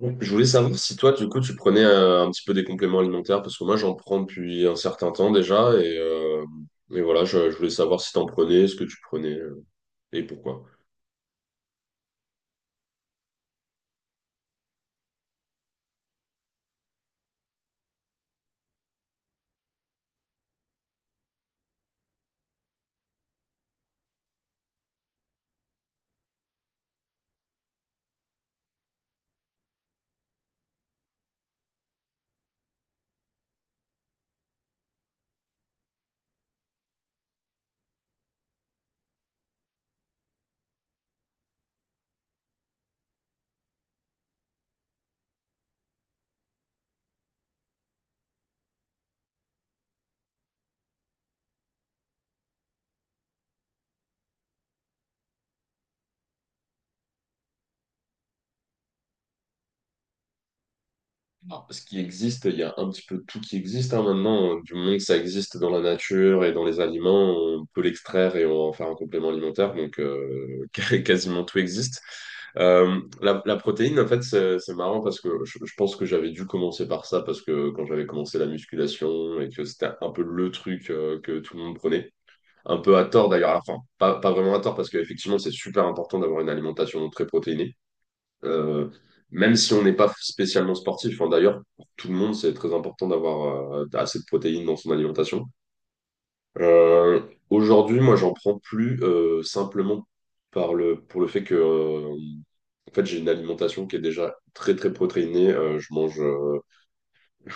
Donc, je voulais savoir si toi, du coup, tu prenais un petit peu des compléments alimentaires, parce que moi, j'en prends depuis un certain temps déjà, et voilà, je voulais savoir si t'en prenais, ce que tu prenais, et pourquoi. Ah, ce qui existe, il y a un petit peu tout qui existe, hein, maintenant. Du moment que ça existe dans la nature et dans les aliments, on peut l'extraire et on va en faire un complément alimentaire. Donc, quasiment tout existe. La protéine, en fait, c'est marrant parce que je pense que j'avais dû commencer par ça parce que quand j'avais commencé la musculation et que c'était un peu le truc que tout le monde prenait, un peu à tort d'ailleurs, enfin, pas vraiment à tort parce qu'effectivement, c'est super important d'avoir une alimentation très protéinée, euh, même si on n'est pas spécialement sportif. Hein, d'ailleurs, pour tout le monde, c'est très important d'avoir assez de protéines dans son alimentation. Euh, Aujourd'hui, moi, j'en prends plus, simplement pour le fait que, en fait, j'ai une alimentation qui est déjà très, très protéinée. Je mange.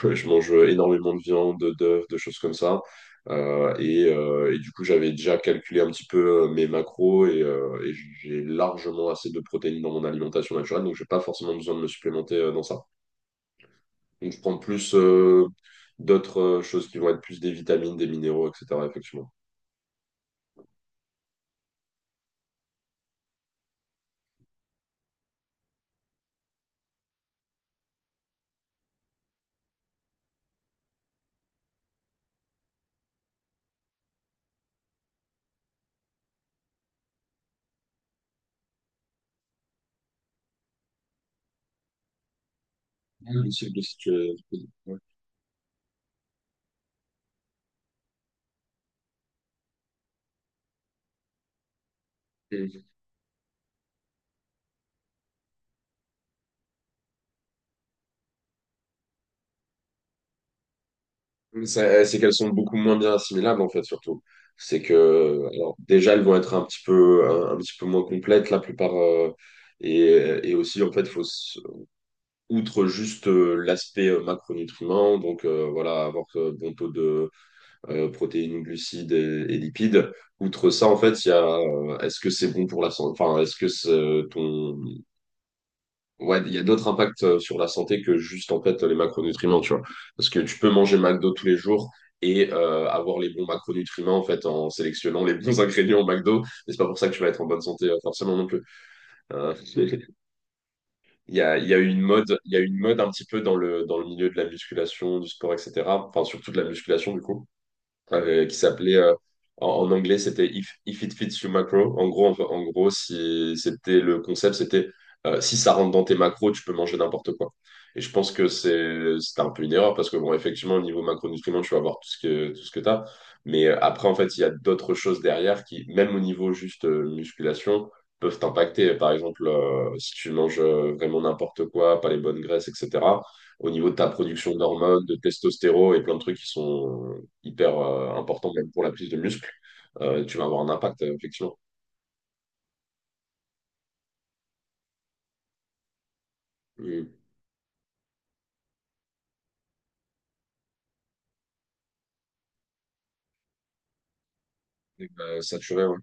Ouais, je mange énormément de viande, d'œufs, de choses comme ça. Et du coup, j'avais déjà calculé un petit peu mes macros et j'ai largement assez de protéines dans mon alimentation naturelle, donc j'ai pas forcément besoin de me supplémenter dans ça. Donc je prends plus d'autres choses qui vont être plus des vitamines, des minéraux, etc. Effectivement. Oui, le cycle de situation. Mm. C'est qu'elles sont beaucoup moins bien assimilables, en fait, surtout. C'est que, alors, déjà elles vont être un petit peu, un petit peu moins complètes la plupart, et, et aussi, en fait, outre juste l'aspect, macronutriments, donc, voilà, avoir bon taux de protéines, glucides et lipides. Outre ça, en fait, il y a est-ce que c'est bon pour la santé, enfin est-ce que c'est ton. Ouais, il y a d'autres impacts sur la santé que juste, en fait, les macronutriments, tu vois. Parce que tu peux manger McDo tous les jours et avoir les bons macronutriments, en fait, en sélectionnant les bons ingrédients au McDo, mais c'est pas pour ça que tu vas être en bonne santé, forcément, non plus. Euh, il y a une mode un petit peu dans le milieu de la musculation, du sport, etc. Enfin, surtout de la musculation, du coup, qui s'appelait, en anglais, c'était If it fits you macro. En gros, si c'était le concept, c'était si ça rentre dans tes macros, tu peux manger n'importe quoi. Et je pense que c'était un peu une erreur parce que, bon, effectivement, au niveau macronutriments, tu vas avoir tout ce que t'as. Mais après, en fait, il y a d'autres choses derrière qui, même au niveau juste musculation, peuvent t'impacter. Par exemple, si tu manges vraiment n'importe quoi, pas les bonnes graisses, etc. Au niveau de ta production d'hormones, de testostérone et plein de trucs qui sont hyper important, même pour la prise de muscle, tu vas avoir un impact, effectivement. Mm. Et, saturé, ouais.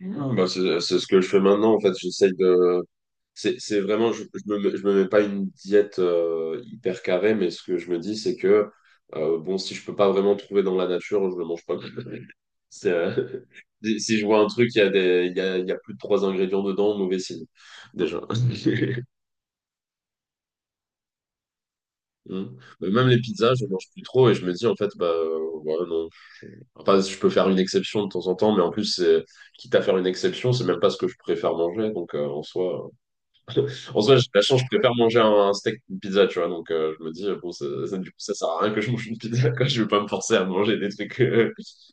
Mm. Bah, c'est ce que je fais maintenant, en fait. J'essaye de. C'est vraiment. Je me mets pas une diète hyper carrée, mais ce que je me dis, c'est que, bon, si je peux pas vraiment trouver dans la nature, je le mange pas. C'est, euh, si je vois un truc, il y a des, il y a plus de trois ingrédients dedans, mauvais signe, déjà. Mm. Même les pizzas, je mange plus trop et je me dis, en fait, bah, ouais, non, enfin, je peux faire une exception de temps en temps, mais en plus, quitte à faire une exception, c'est même pas ce que je préfère manger. Donc, en soi, j'ai de la chance, je préfère manger un steak qu'une pizza, tu vois. Donc, je me dis, bon, du coup, ça sert à rien que je mange une pizza, quoi. Je vais pas me forcer à manger des trucs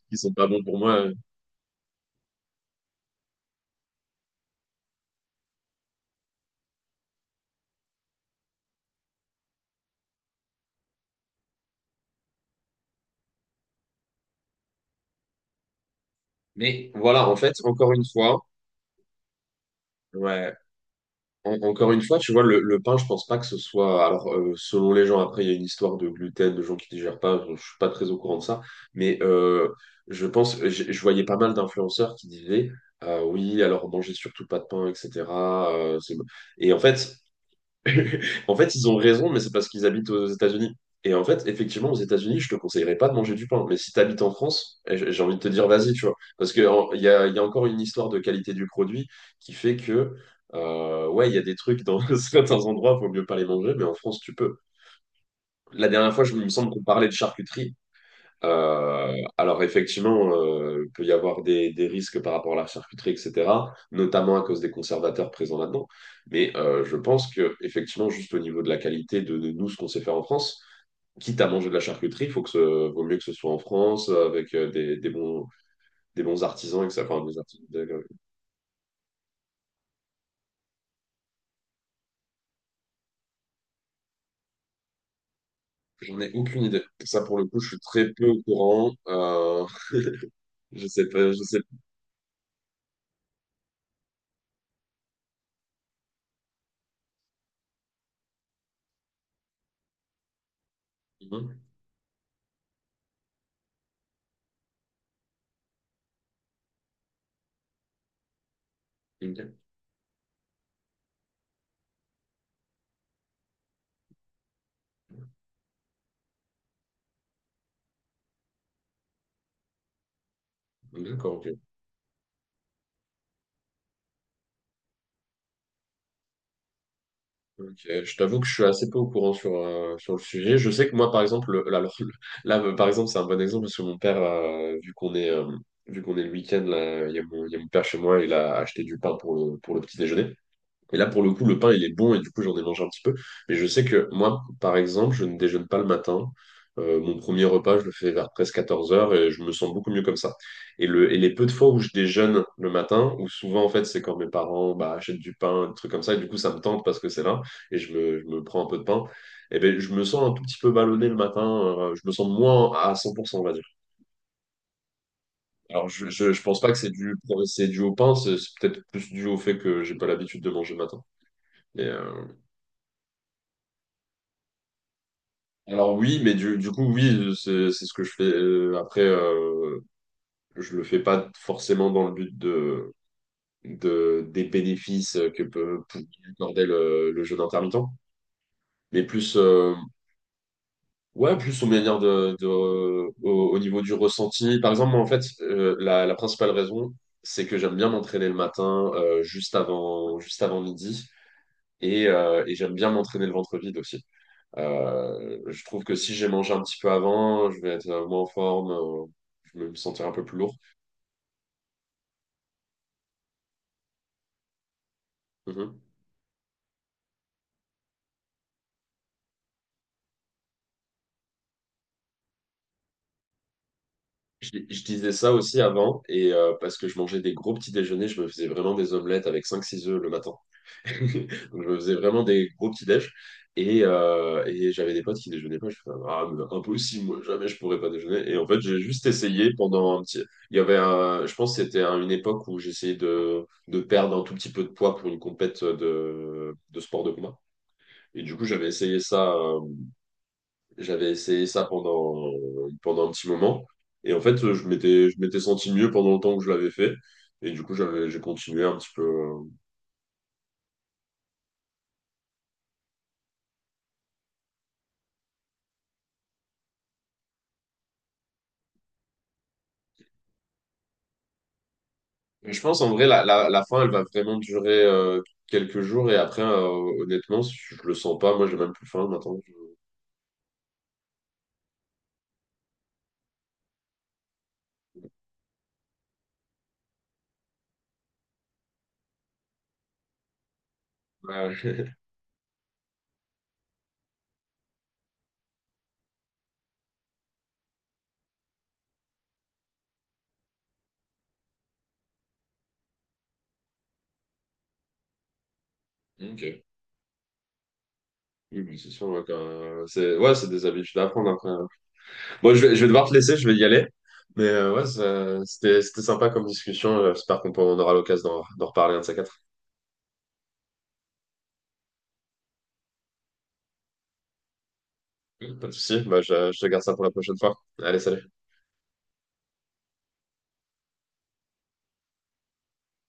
qui sont pas bons pour moi. Mais voilà, en fait, encore une fois, ouais. Encore une fois, tu vois, le pain, je pense pas que ce soit. Alors, selon les gens, après, il y a une histoire de gluten, de gens qui digèrent pas. Je suis pas très au courant de ça, mais je pense, je voyais pas mal d'influenceurs qui disaient, oui, alors mangez surtout pas de pain, etc. C'est bon. Et en fait, en fait, ils ont raison, mais c'est parce qu'ils habitent aux États-Unis. Et en fait, effectivement, aux États-Unis, je te conseillerais pas de manger du pain. Mais si tu habites en France, eh, j'ai envie de te dire, vas-y, tu vois. Parce qu'il y a encore une histoire de qualité du produit qui fait que, ouais, il y a des trucs dans certains endroits, il vaut mieux pas les manger, mais en France, tu peux. La dernière fois, je il me semble qu'on parlait de charcuterie. Alors, effectivement, il peut y avoir des risques par rapport à la charcuterie, etc., notamment à cause des conservateurs présents là-dedans. Mais je pense que, effectivement, juste au niveau de la qualité de nous, ce qu'on sait faire en France, quitte à manger de la charcuterie, il faut que ce, vaut mieux que ce soit en France, avec des bons artisans et que ça. Enfin, des artisans, j'en ai aucune idée. Ça, pour le coup, je suis très peu au courant. Je sais pas. Mhm. Ok. D'accord, ok. Ok, je t'avoue que je suis assez peu au courant sur, sur le sujet. Je sais que moi, par exemple, là, par exemple, c'est un bon exemple parce que mon père, vu qu'on est le week-end, là, il y a mon père chez moi, il a acheté du pain pour pour le petit déjeuner. Et là, pour le coup, le pain, il est bon, et du coup, j'en ai mangé un petit peu. Mais je sais que moi, par exemple, je ne déjeune pas le matin. Mon premier repas, je le fais vers presque 14 heures et je me sens beaucoup mieux comme ça. Et, et les peu de fois où je déjeune le matin, où souvent, en fait, c'est quand mes parents, bah, achètent du pain, des trucs comme ça, et du coup, ça me tente parce que c'est là et je me prends un peu de pain. Et ben, je me sens un tout petit peu ballonné le matin, je me sens moins à 100%, on va dire. Alors, je pense pas que c'est dû, au pain, c'est peut-être plus dû au fait que j'ai pas l'habitude de manger le matin. Et, euh, Alors oui, mais du coup, oui, c'est ce que je fais. Après, je le fais pas forcément dans le but des bénéfices que peut accorder le jeûne intermittent, mais plus, ouais, plus aux manière au niveau du ressenti. Par exemple, moi, en fait, la principale raison, c'est que j'aime bien m'entraîner le matin, juste avant midi, et j'aime bien m'entraîner le ventre vide aussi. Je trouve que si j'ai mangé un petit peu avant, je vais être moins en forme, je vais me sentir un peu plus lourd. Mhm. Je disais ça aussi avant, et parce que je mangeais des gros petits déjeuners, je me faisais vraiment des omelettes avec cinq, six œufs le matin. Donc, je me faisais vraiment des gros petits déj. Et j'avais des potes qui déjeunaient pas. Je faisais, ah, mais impossible, moi, jamais je pourrais pas déjeuner. Et en fait, j'ai juste essayé pendant un petit. Il y avait un- Je pense que c'était à une époque où j'essayais de perdre un tout petit peu de poids pour une compète de sport de combat. Et du coup, j'avais essayé ça pendant un petit moment. Et en fait, je m'étais senti mieux pendant le temps que je l'avais fait. Et du coup, j'ai continué un petit peu. Mais je pense, en vrai, la faim, elle va vraiment durer quelques jours. Et après, honnêtement, si je le sens pas. Moi, j'ai même plus faim maintenant. Ouais. Ok. Oui, mais c'est sûr, ouais, c'est ouais, c'est des habitudes à prendre après, hein. Bon, je vais devoir te laisser, je vais y aller. Mais ouais, c'était sympa comme discussion. J'espère qu'on aura l'occasion d'en reparler un de ces quatre. Pas de souci, bah, je te garde ça pour la prochaine fois. Allez, salut.